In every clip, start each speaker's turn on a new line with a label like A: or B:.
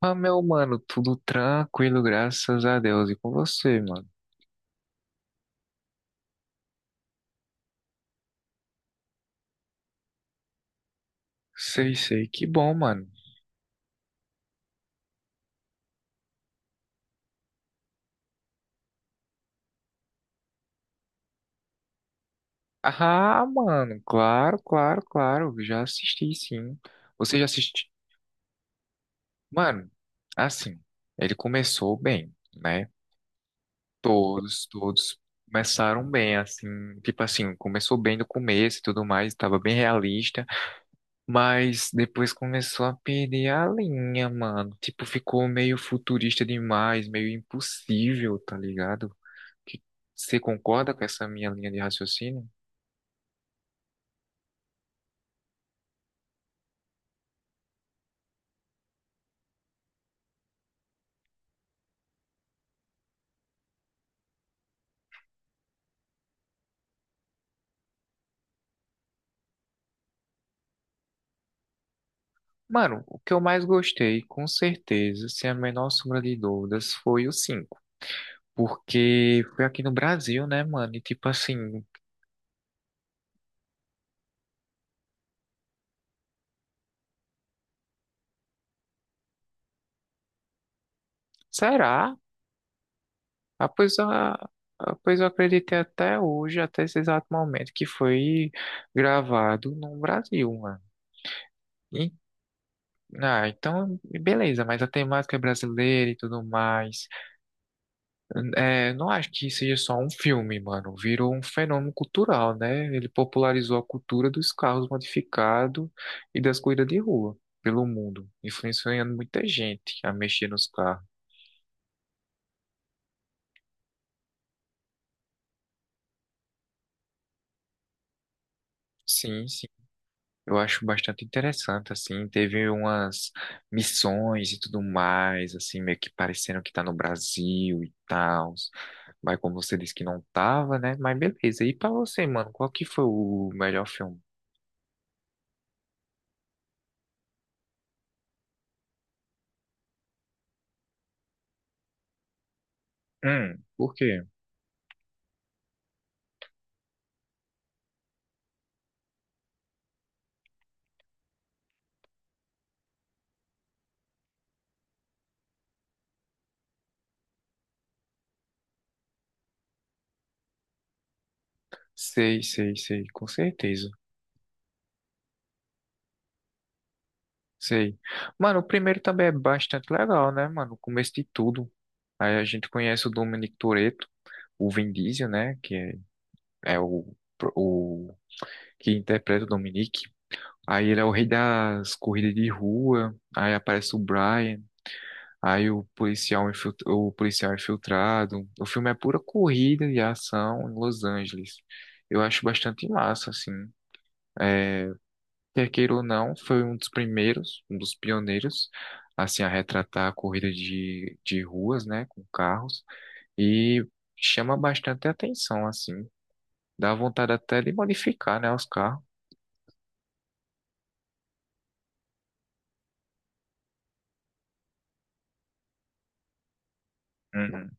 A: Ah, meu mano, tudo tranquilo, graças a Deus. E com você, mano? Sei, sei, que bom, mano. Ah, mano, claro, claro, claro. Já assisti, sim. Você já assistiu? Mano, assim, ele começou bem, né? Todos começaram bem, assim. Tipo assim, começou bem no começo e tudo mais, tava bem realista. Mas depois começou a perder a linha, mano. Tipo, ficou meio futurista demais, meio impossível, tá ligado? Que você concorda com essa minha linha de raciocínio? Mano, o que eu mais gostei, com certeza, sem a menor sombra de dúvidas, foi o cinco. Porque foi aqui no Brasil, né, mano? E tipo assim, será? Ah, pois, a- ah, pois eu acreditei até hoje, até esse exato momento, que foi gravado no Brasil, mano. E- ah, então, beleza, mas a temática é brasileira e tudo mais. É, não acho que seja só um filme, mano. Virou um fenômeno cultural, né? Ele popularizou a cultura dos carros modificados e das corridas de rua pelo mundo, influenciando muita gente a mexer nos carros. Sim, sim. Eu acho bastante interessante, assim. Teve umas missões e tudo mais, assim, meio que parecendo que tá no Brasil e tal. Mas como você disse que não tava, né? Mas beleza. E pra você, mano, qual que foi o melhor filme? Por quê? Sei, sei, sei, com certeza. Sei. Mano, o primeiro também é bastante legal, né, mano? O começo de tudo. Aí a gente conhece o Dominic Toretto, o Vin Diesel, né? Que é o que interpreta o Dominic. Aí ele é o rei das corridas de rua. Aí aparece o Brian. Aí o policial infiltrado. O filme é pura corrida e ação em Los Angeles. Eu acho bastante massa, assim. É, quer queira ou não, foi um dos primeiros, um dos pioneiros, assim, a retratar a corrida de ruas, né, com carros, e chama bastante atenção, assim, dá vontade até de modificar, né, os carros. Uhum.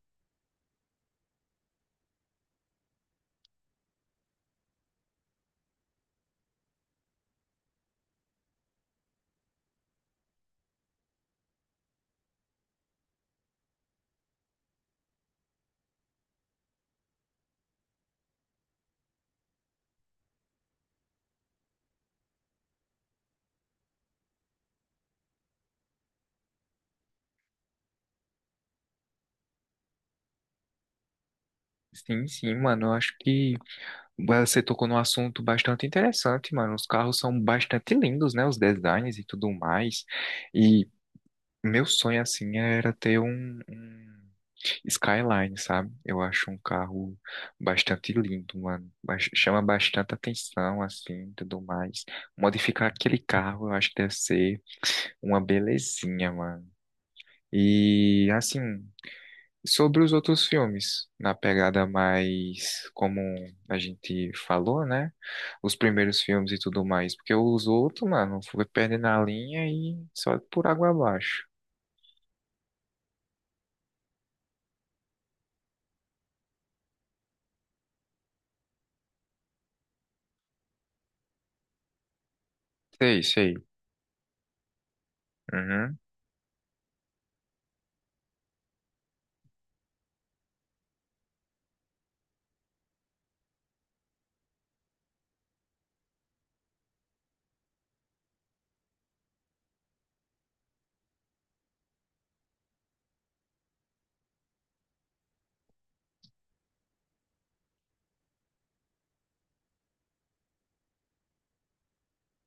A: Sim, sim, mano, eu acho que você tocou num assunto bastante interessante, mano, os carros são bastante lindos, né, os designs e tudo mais, e meu sonho, assim, era ter um Skyline, sabe? Eu acho um carro bastante lindo, mano. Chama bastante atenção, assim, tudo mais. Modificar aquele carro, eu acho que deve ser uma belezinha, mano. E, assim, sobre os outros filmes, na pegada mais como a gente falou, né? Os primeiros filmes e tudo mais. Porque os outros, mano, foi perdendo a linha e só por água abaixo. Sei, sei. Uhum.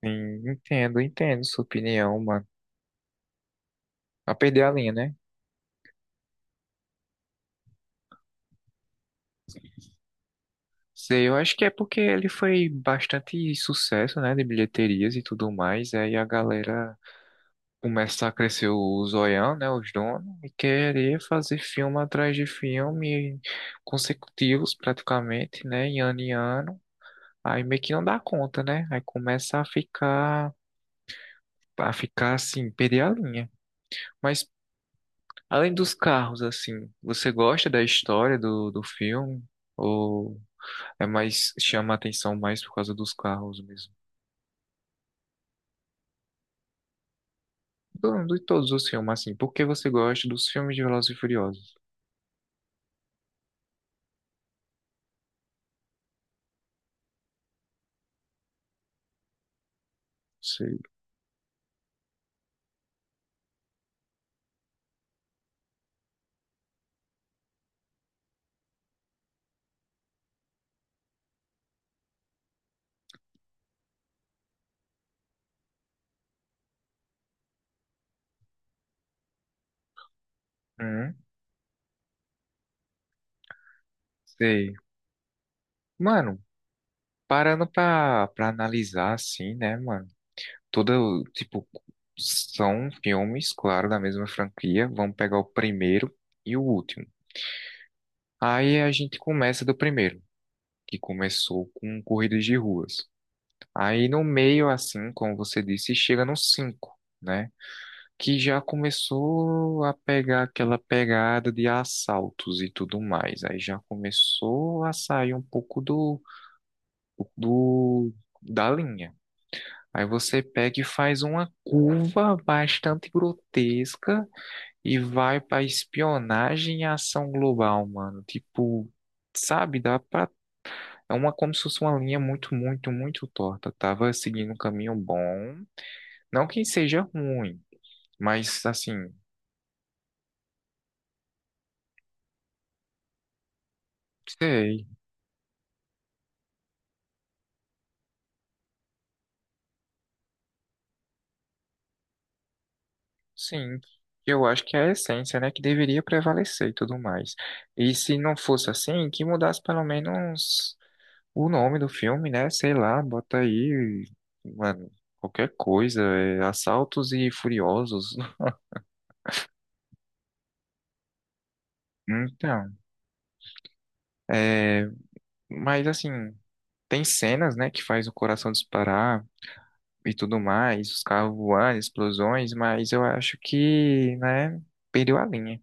A: Sim, entendo, entendo sua opinião, mano. A perder a linha, né? Sei, eu acho que é porque ele foi bastante sucesso, né, de bilheterias e tudo mais. Aí a galera começa a crescer o zoião, né, os donos, e querer fazer filme atrás de filme consecutivos praticamente, né, em ano em ano. Aí meio que não dá conta, né? Aí começa a ficar assim, perder a linha. Mas além dos carros, assim, você gosta da história do filme? Ou... É mais, chama a atenção mais por causa dos carros mesmo. De todos os filmes, assim. Por que você gosta dos filmes de Velozes e Furiosos? Sei. Hum, Sei. Mano, parando pra analisar, assim, né, mano? Toda, tipo, são filmes, claro, da mesma franquia. Vamos pegar o primeiro e o último. Aí a gente começa do primeiro, que começou com corridas de ruas. Aí no meio, assim, como você disse, chega no cinco, né? Que já começou a pegar aquela pegada de assaltos e tudo mais. Aí já começou a sair um pouco do, do da linha. Aí você pega e faz uma curva bastante grotesca e vai para espionagem e ação global, mano. Tipo, sabe, dá pra. É uma como se fosse uma linha muito, muito, muito torta. Tava seguindo um caminho bom. Não que seja ruim, mas assim, sei. Sim, eu acho que é a essência, né, que deveria prevalecer e tudo mais. E se não fosse assim, que mudasse pelo menos o nome do filme, né? Sei lá, bota aí, mano, qualquer coisa, é, Assaltos e Furiosos. Então, é, mas assim, tem cenas, né, que faz o coração disparar e tudo mais, os carros voando, explosões, mas eu acho que, né, perdeu a linha.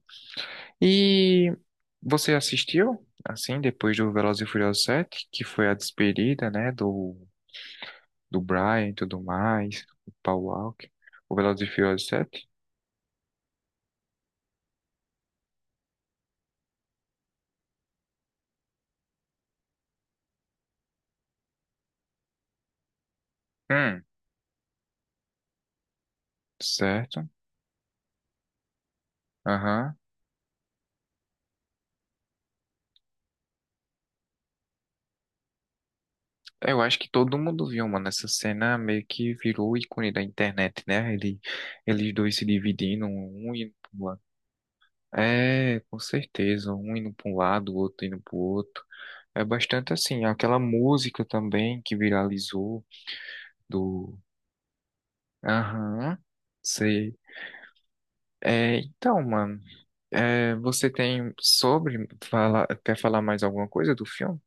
A: E você assistiu, assim, depois do Velozes e Furiosos 7, que foi a despedida, né, do Brian e tudo mais, o Paul Walker, o Velozes e Furiosos 7? Hum, Certo, aham. Eu acho que todo mundo viu, mano, essa cena meio que virou ícone da internet, né? Eles dois se dividindo, um indo pro lado. É, com certeza, um indo para um lado, o outro indo pro outro. É bastante assim, aquela música também que viralizou do. Aham, sei. É, então, mano, é, você tem sobre falar, quer falar mais alguma coisa do filme?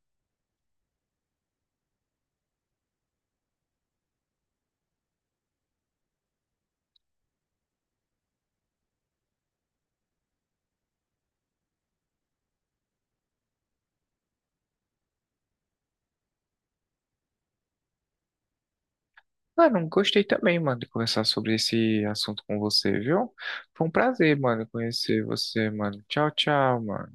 A: Ah, não gostei também, mano, de conversar sobre esse assunto com você, viu? Foi um prazer, mano, conhecer você, mano. Tchau, tchau, mano.